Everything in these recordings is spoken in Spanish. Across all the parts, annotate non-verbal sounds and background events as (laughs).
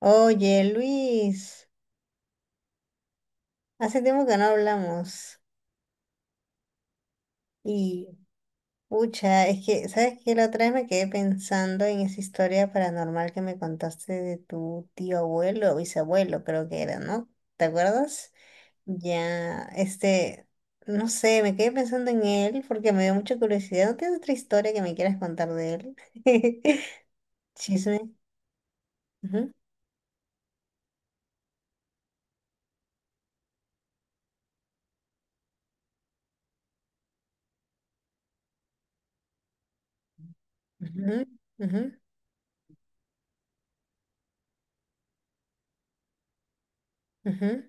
Oye, Luis, hace tiempo que no hablamos y, pucha, es que, ¿sabes qué? La otra vez me quedé pensando en esa historia paranormal que me contaste de tu tío abuelo o bisabuelo, creo que era, ¿no? ¿Te acuerdas? Ya, no sé, me quedé pensando en él porque me dio mucha curiosidad. ¿No tienes otra historia que me quieras contar de él? (laughs) Chisme. Ujú, ujú, ujú, ujú.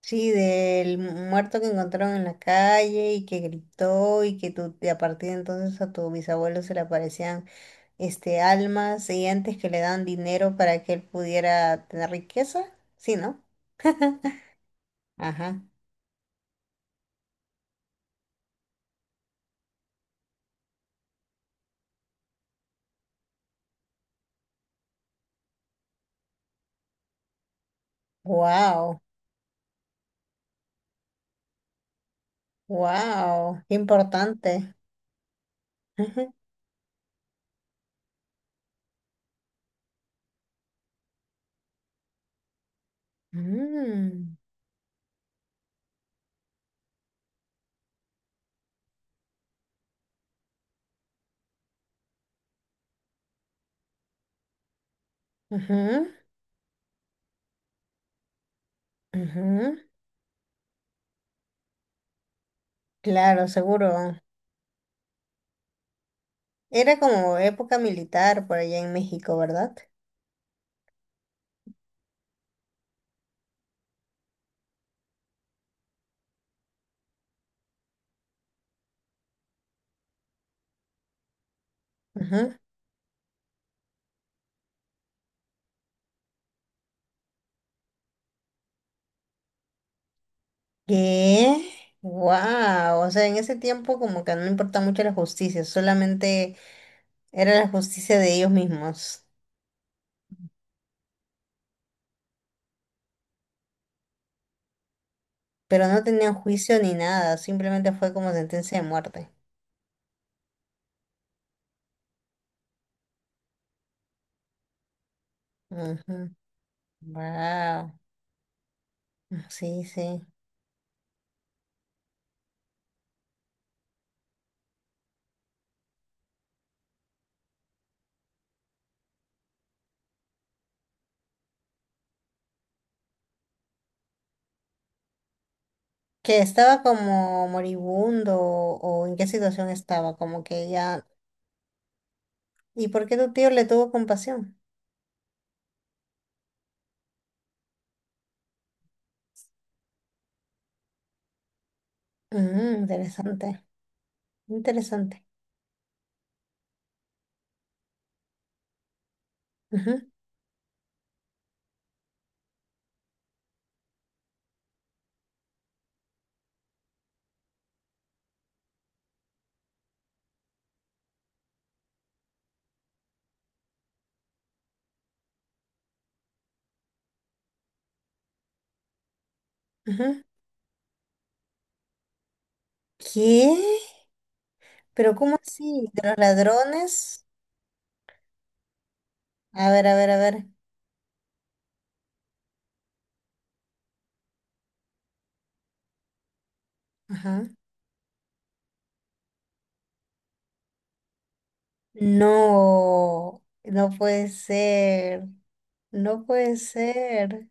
Sí, del muerto que encontraron en la calle y que gritó y y a partir de entonces a tu bisabuelo se le aparecían almas y antes que le dan dinero para que él pudiera tener riqueza, sí, ¿no? (laughs) Ajá. Wow, wow, qué importante. Ujú. Mm, ujú, ujú. Claro, seguro. Era como época militar por allá en México, ¿verdad? Ujú. ¿Qué? Wow, o sea, en ese tiempo como que no importaba mucho la justicia, solamente era la justicia de ellos mismos, pero no tenían juicio ni nada, simplemente fue como sentencia de muerte. Ujú. Wow, sí, sí. Que estaba como moribundo o en qué situación estaba, como que ya... ¿Y por qué tu tío le tuvo compasión? Mm, interesante, interesante. Ujú, ujú. ¿Qué? ¿Pero cómo así? ¿De los ladrones? A ver, a ver, a ver. Ajá. No, no puede ser. No puede ser.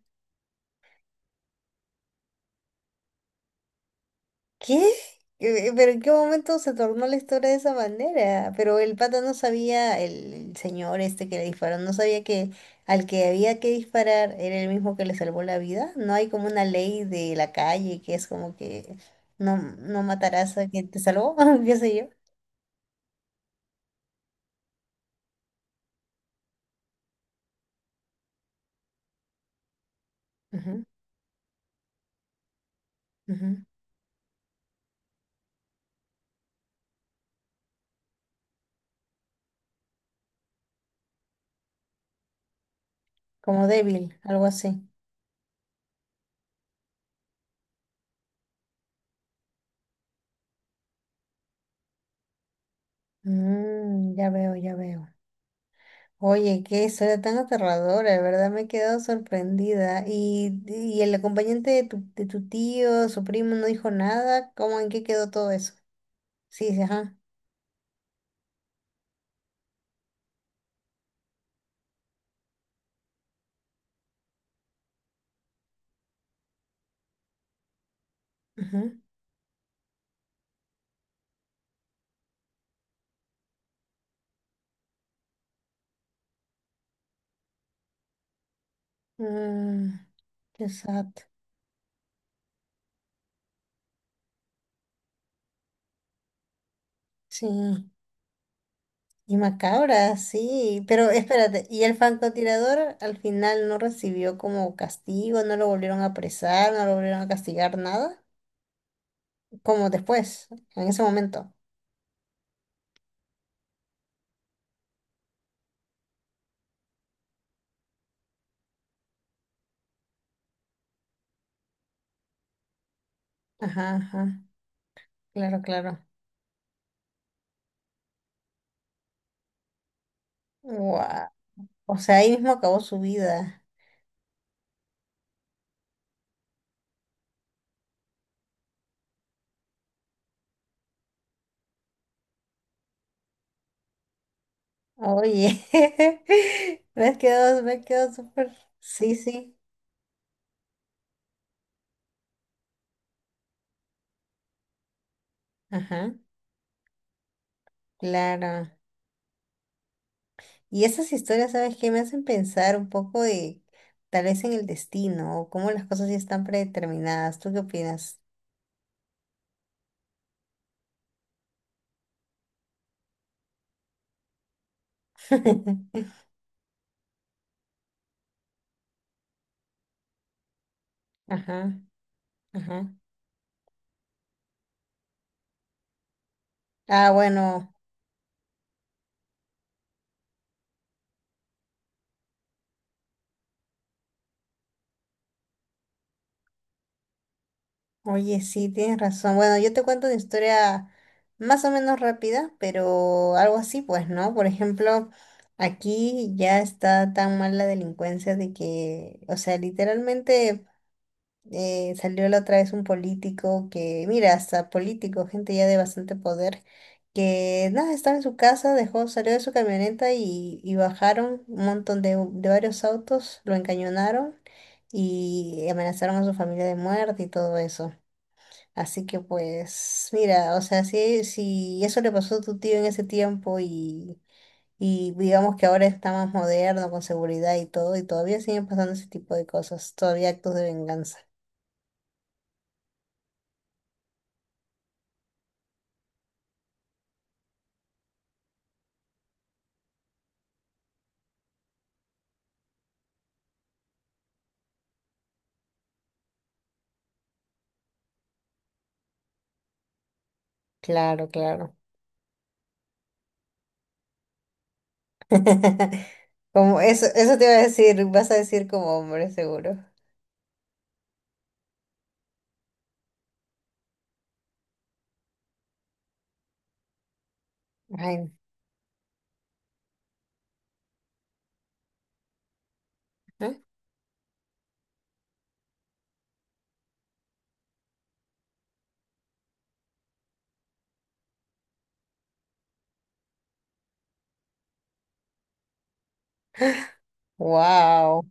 ¿Qué? ¿Pero en qué momento se tornó la historia de esa manera? Pero el pata no sabía, el señor que le disparó, no sabía que al que había que disparar era el mismo que le salvó la vida. No hay como una ley de la calle que es como que no, no matarás a quien te salvó, (laughs) qué sé yo. Ujú, ujú. Como débil, algo así. Mm, ya veo, ya veo. Oye, qué historia tan aterradora, de verdad me he quedado sorprendida. Y el acompañante de tu tío, su primo, no dijo nada? ¿Cómo en qué quedó todo eso? Sí, sí, ajá. Ujú. Mm, qué sad. Sí. Y macabra, sí. Pero espérate, ¿y el francotirador al final no recibió como castigo? ¿No lo volvieron a apresar? ¿No lo volvieron a castigar nada? Como después, en ese momento. Ajá, ajá. Claro, claro. Guau. O sea, ahí mismo acabó su vida. Oye, (laughs) me has quedado súper. Sí, sí, ajá, claro. Y esas historias, ¿sabes qué? Me hacen pensar un poco de tal vez en el destino o cómo las cosas ya están predeterminadas. ¿Tú qué opinas? (laughs) Ajá, ajá. Ah, bueno. Oye, sí, tienes razón. Bueno, yo te cuento una historia más o menos rápida, pero algo así, pues, ¿no? Por ejemplo, aquí ya está tan mal la delincuencia de que, o sea, literalmente salió la otra vez un político que, mira, hasta político, gente ya de bastante poder, que nada, estaba en su casa, dejó, salió de su camioneta y bajaron un montón de varios autos, lo encañonaron y amenazaron a su familia de muerte y todo eso. Así que pues, mira, o sea, si, si eso le pasó a tu tío en ese tiempo y digamos que ahora está más moderno, con seguridad y todo, y todavía siguen pasando ese tipo de cosas, todavía actos de venganza. Claro, claro. (laughs) Como eso te iba a decir, vas a decir como hombre, seguro. Ay, wow,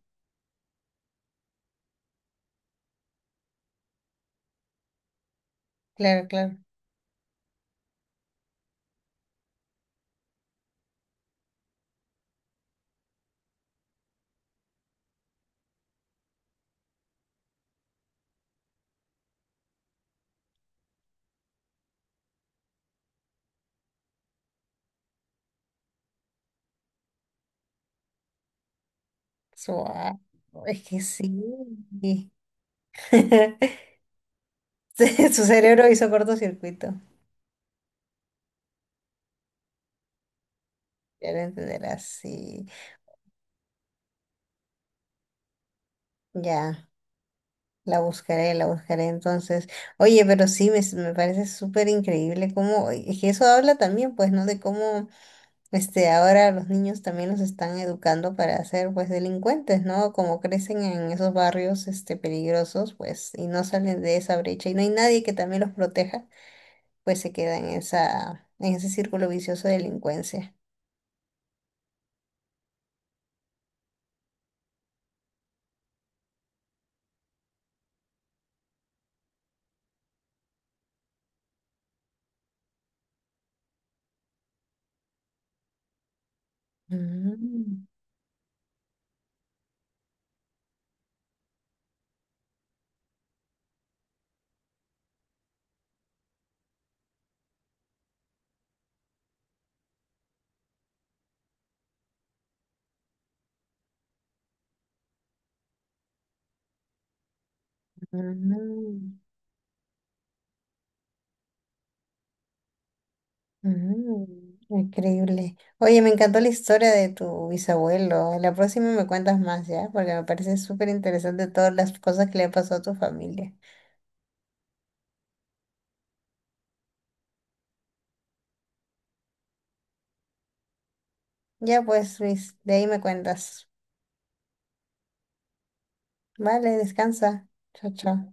claro, claro. Suave. Es que sí. (laughs) Su cerebro hizo cortocircuito. Ya lo entenderás, sí. Ya. La buscaré entonces. Oye, pero sí, me parece súper increíble cómo, es que eso habla también, pues, ¿no? De cómo, ahora los niños también los están educando para ser, pues, delincuentes, ¿no? Como crecen en esos barrios, peligrosos, pues, y no salen de esa brecha y no hay nadie que también los proteja, pues se queda en esa, en ese círculo vicioso de delincuencia. Mm, mm. Mm, increíble. Oye, me encantó la historia de tu bisabuelo. La próxima me cuentas más, ¿ya? Porque me parece súper interesante todas las cosas que le pasó a tu familia. Ya pues, Luis, de ahí me cuentas. Vale, descansa. Chao, chao.